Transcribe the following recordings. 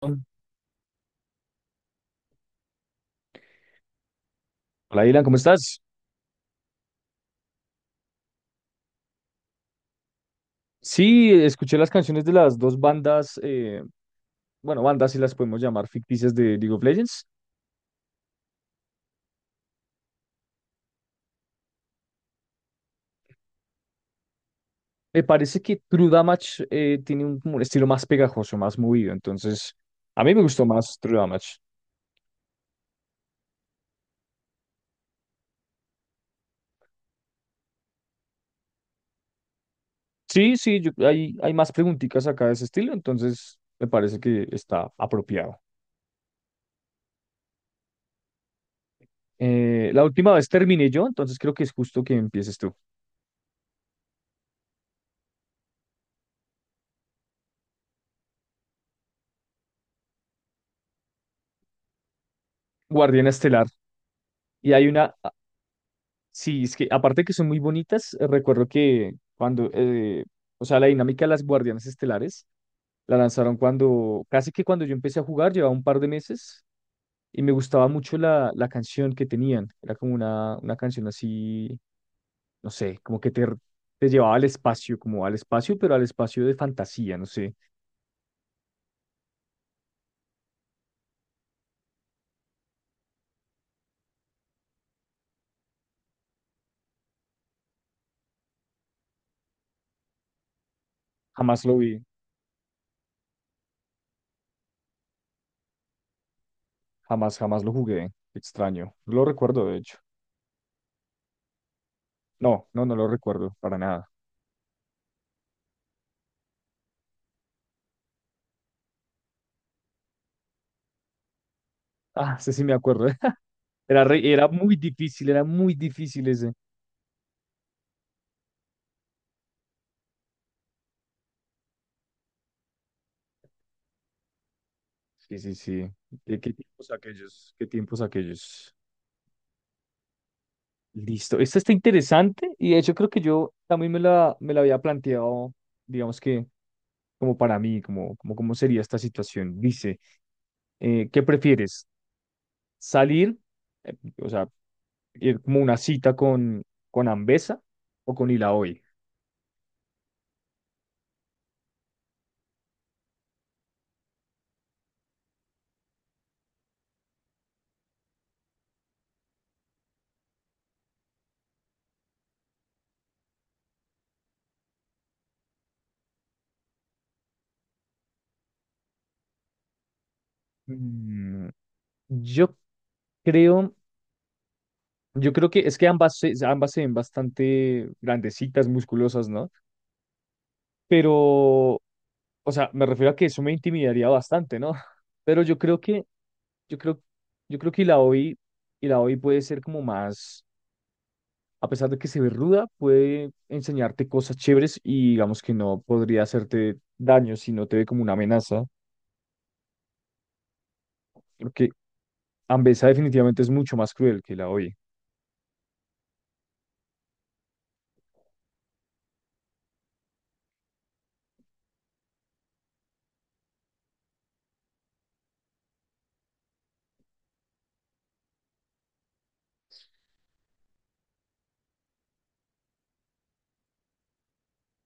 Hola, Dylan, ¿cómo estás? Sí, escuché las canciones de las dos bandas, bueno, bandas si las podemos llamar ficticias de League of Legends. Me parece que True Damage tiene un, como un estilo más pegajoso, más movido, entonces a mí me gustó más True Damage. Sí, sí, hay, hay más preguntitas acá de ese estilo, entonces me parece que está apropiado. La última vez terminé yo, entonces creo que es justo que empieces tú. Guardiana Estelar. Y hay una. Sí, es que aparte que son muy bonitas, recuerdo que cuando, o sea, la dinámica de las guardianes estelares la lanzaron cuando, casi que cuando yo empecé a jugar, llevaba un par de meses y me gustaba mucho la, la canción que tenían. Era como una canción así, no sé, como que te llevaba al espacio, como al espacio, pero al espacio de fantasía, no sé. Jamás lo vi, jamás, jamás lo jugué. Extraño. No lo recuerdo, de hecho. No, no, no lo recuerdo para nada. Ah, sí, sí me acuerdo. Era, era muy difícil ese. Sí, sí, sí. ¿Qué, qué tiempos aquellos? ¿Qué tiempos aquellos? Listo. Esta está interesante y de hecho creo que yo también me la había planteado, digamos que como para mí, como, como cómo sería esta situación. Dice, ¿qué prefieres? ¿Salir, eh, o sea, ir como una cita con Ambesa o con Ilaoi? Mm, yo creo... Yo creo que es que ambas, ambas se ven bastante grandecitas, musculosas, ¿no? Pero, o sea, me refiero a que eso me intimidaría bastante, ¿no? Pero yo creo, yo creo que la OI, y la OI puede ser como más, a pesar de que se ve ruda, puede enseñarte cosas chéveres y digamos que no podría hacerte daño si no te ve como una amenaza, porque Ambesa definitivamente es mucho más cruel que la OI.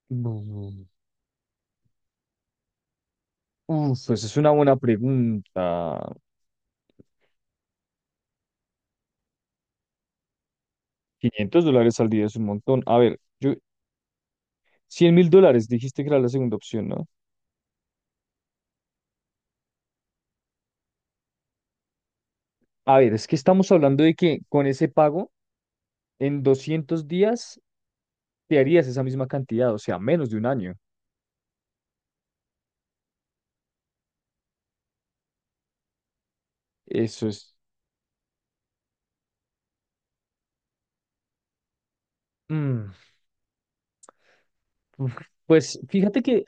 Mm. Uf, pues es una buena pregunta. $500 al día es un montón. A ver, yo, $100,000 dijiste que era la segunda opción, ¿no? A ver, es que estamos hablando de que con ese pago, en 200 días te harías esa misma cantidad, o sea, menos de un año. Eso es... mm, uf. Pues fíjate que,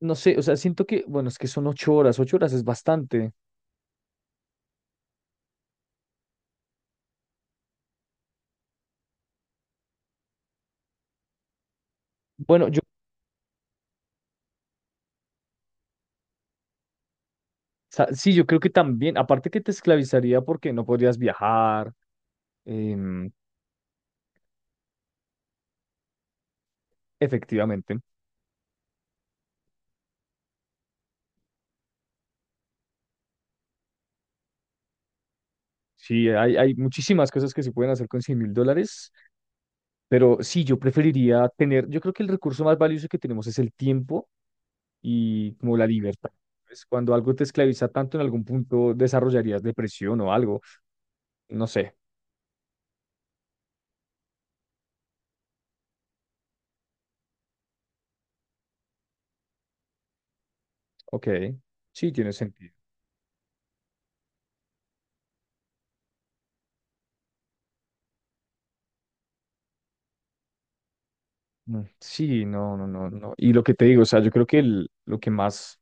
no sé, o sea, siento que, bueno, es que son 8 horas, 8 horas es bastante. Bueno, yo, o sí, yo creo que también, aparte que te esclavizaría porque no podrías viajar, em, efectivamente. Sí, hay muchísimas cosas que se pueden hacer con $100,000. Pero sí, yo preferiría tener, yo creo que el recurso más valioso que tenemos es el tiempo y como la libertad. Pues cuando algo te esclaviza tanto, en algún punto desarrollarías depresión o algo. No sé. Ok. Sí, tiene sentido. Mm. Sí, no, no, no, no. Y lo que te digo, o sea, yo creo que lo que más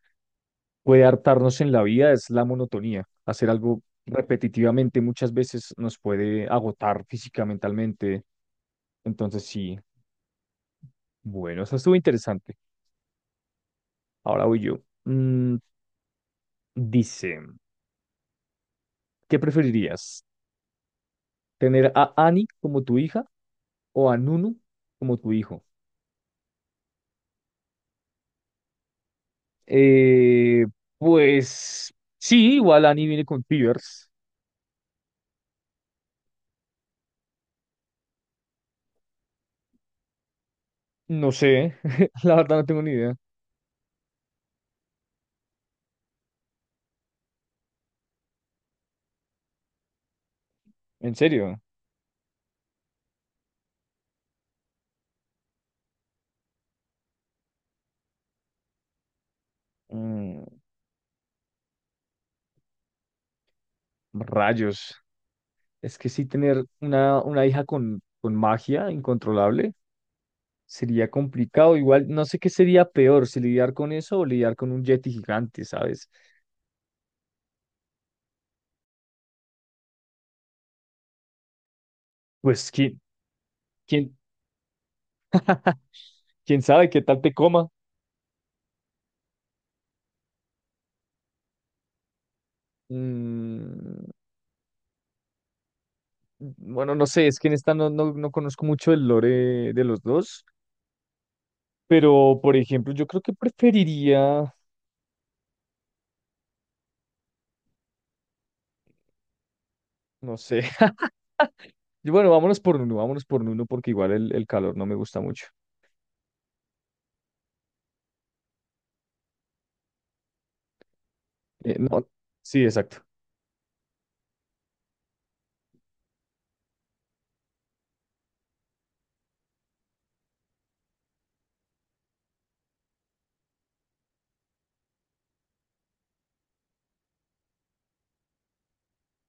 puede hartarnos en la vida es la monotonía. Hacer algo repetitivamente muchas veces nos puede agotar física, mentalmente. Entonces, sí. Bueno, eso estuvo interesante. Ahora voy yo. Mm, Dice, ¿qué preferirías? ¿Tener a Annie como tu hija o a Nunu como tu hijo? Eh, pues sí, igual Annie viene con fevers. No sé, la verdad no tengo ni idea. En serio. Mm, rayos. Es que sí, tener una hija con magia incontrolable sería complicado. Igual no sé qué sería peor, si lidiar con eso o lidiar con un yeti gigante, ¿sabes? Pues quién, quién, quién sabe qué tal te coma. Mm, Bueno, no sé, es que en esta no, no, no conozco mucho el lore de los dos, pero por ejemplo, yo creo que preferiría, no sé. Yo, bueno, vámonos por Nuno porque igual el calor no me gusta mucho. No, sí, exacto.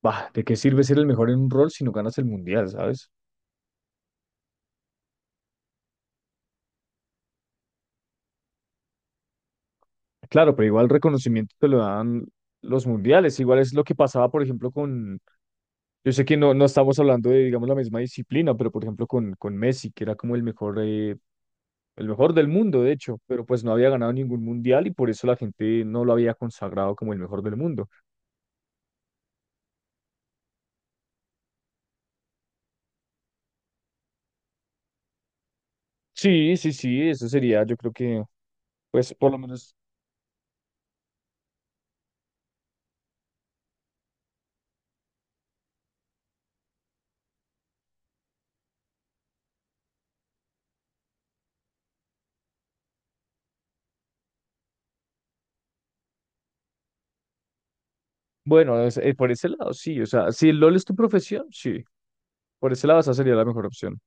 Bah, ¿de qué sirve ser el mejor en un rol si no ganas el mundial, sabes? Claro, pero igual reconocimiento te lo dan los mundiales. Igual es lo que pasaba, por ejemplo, con. Yo sé que no, no estamos hablando de, digamos, la misma disciplina, pero por ejemplo con Messi, que era como el mejor del mundo, de hecho, pero pues no había ganado ningún mundial y por eso la gente no lo había consagrado como el mejor del mundo. Sí, sí, sí, eso sería, yo creo que, pues por lo menos, bueno, por ese lado, sí, o sea, si el LOL es tu profesión, sí, por ese lado esa sería la mejor opción.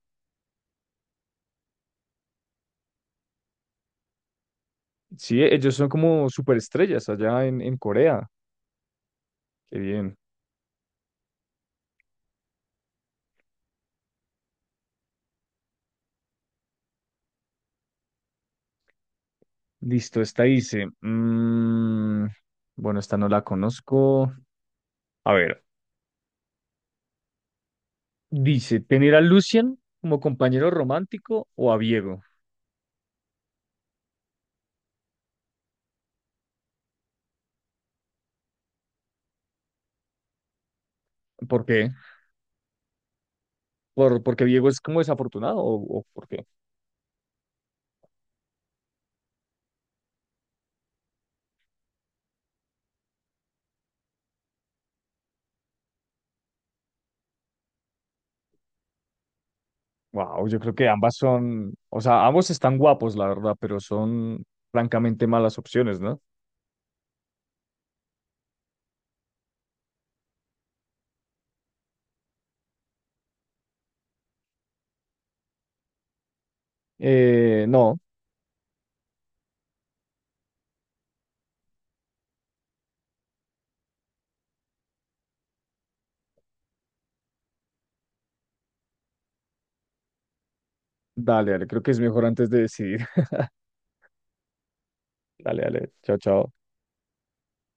Sí, ellos son como superestrellas allá en Corea, qué bien. Listo, esta dice, bueno, esta no la conozco. A ver. Dice, ¿tener a Lucian como compañero romántico o a Diego? ¿Por qué? ¿Por, porque Diego es como desafortunado o por qué? Wow, yo creo que ambas son, o sea, ambos están guapos, la verdad, pero son francamente malas opciones, ¿no? No, dale, dale, creo que es mejor antes de decidir. Dale, dale, chao, chao.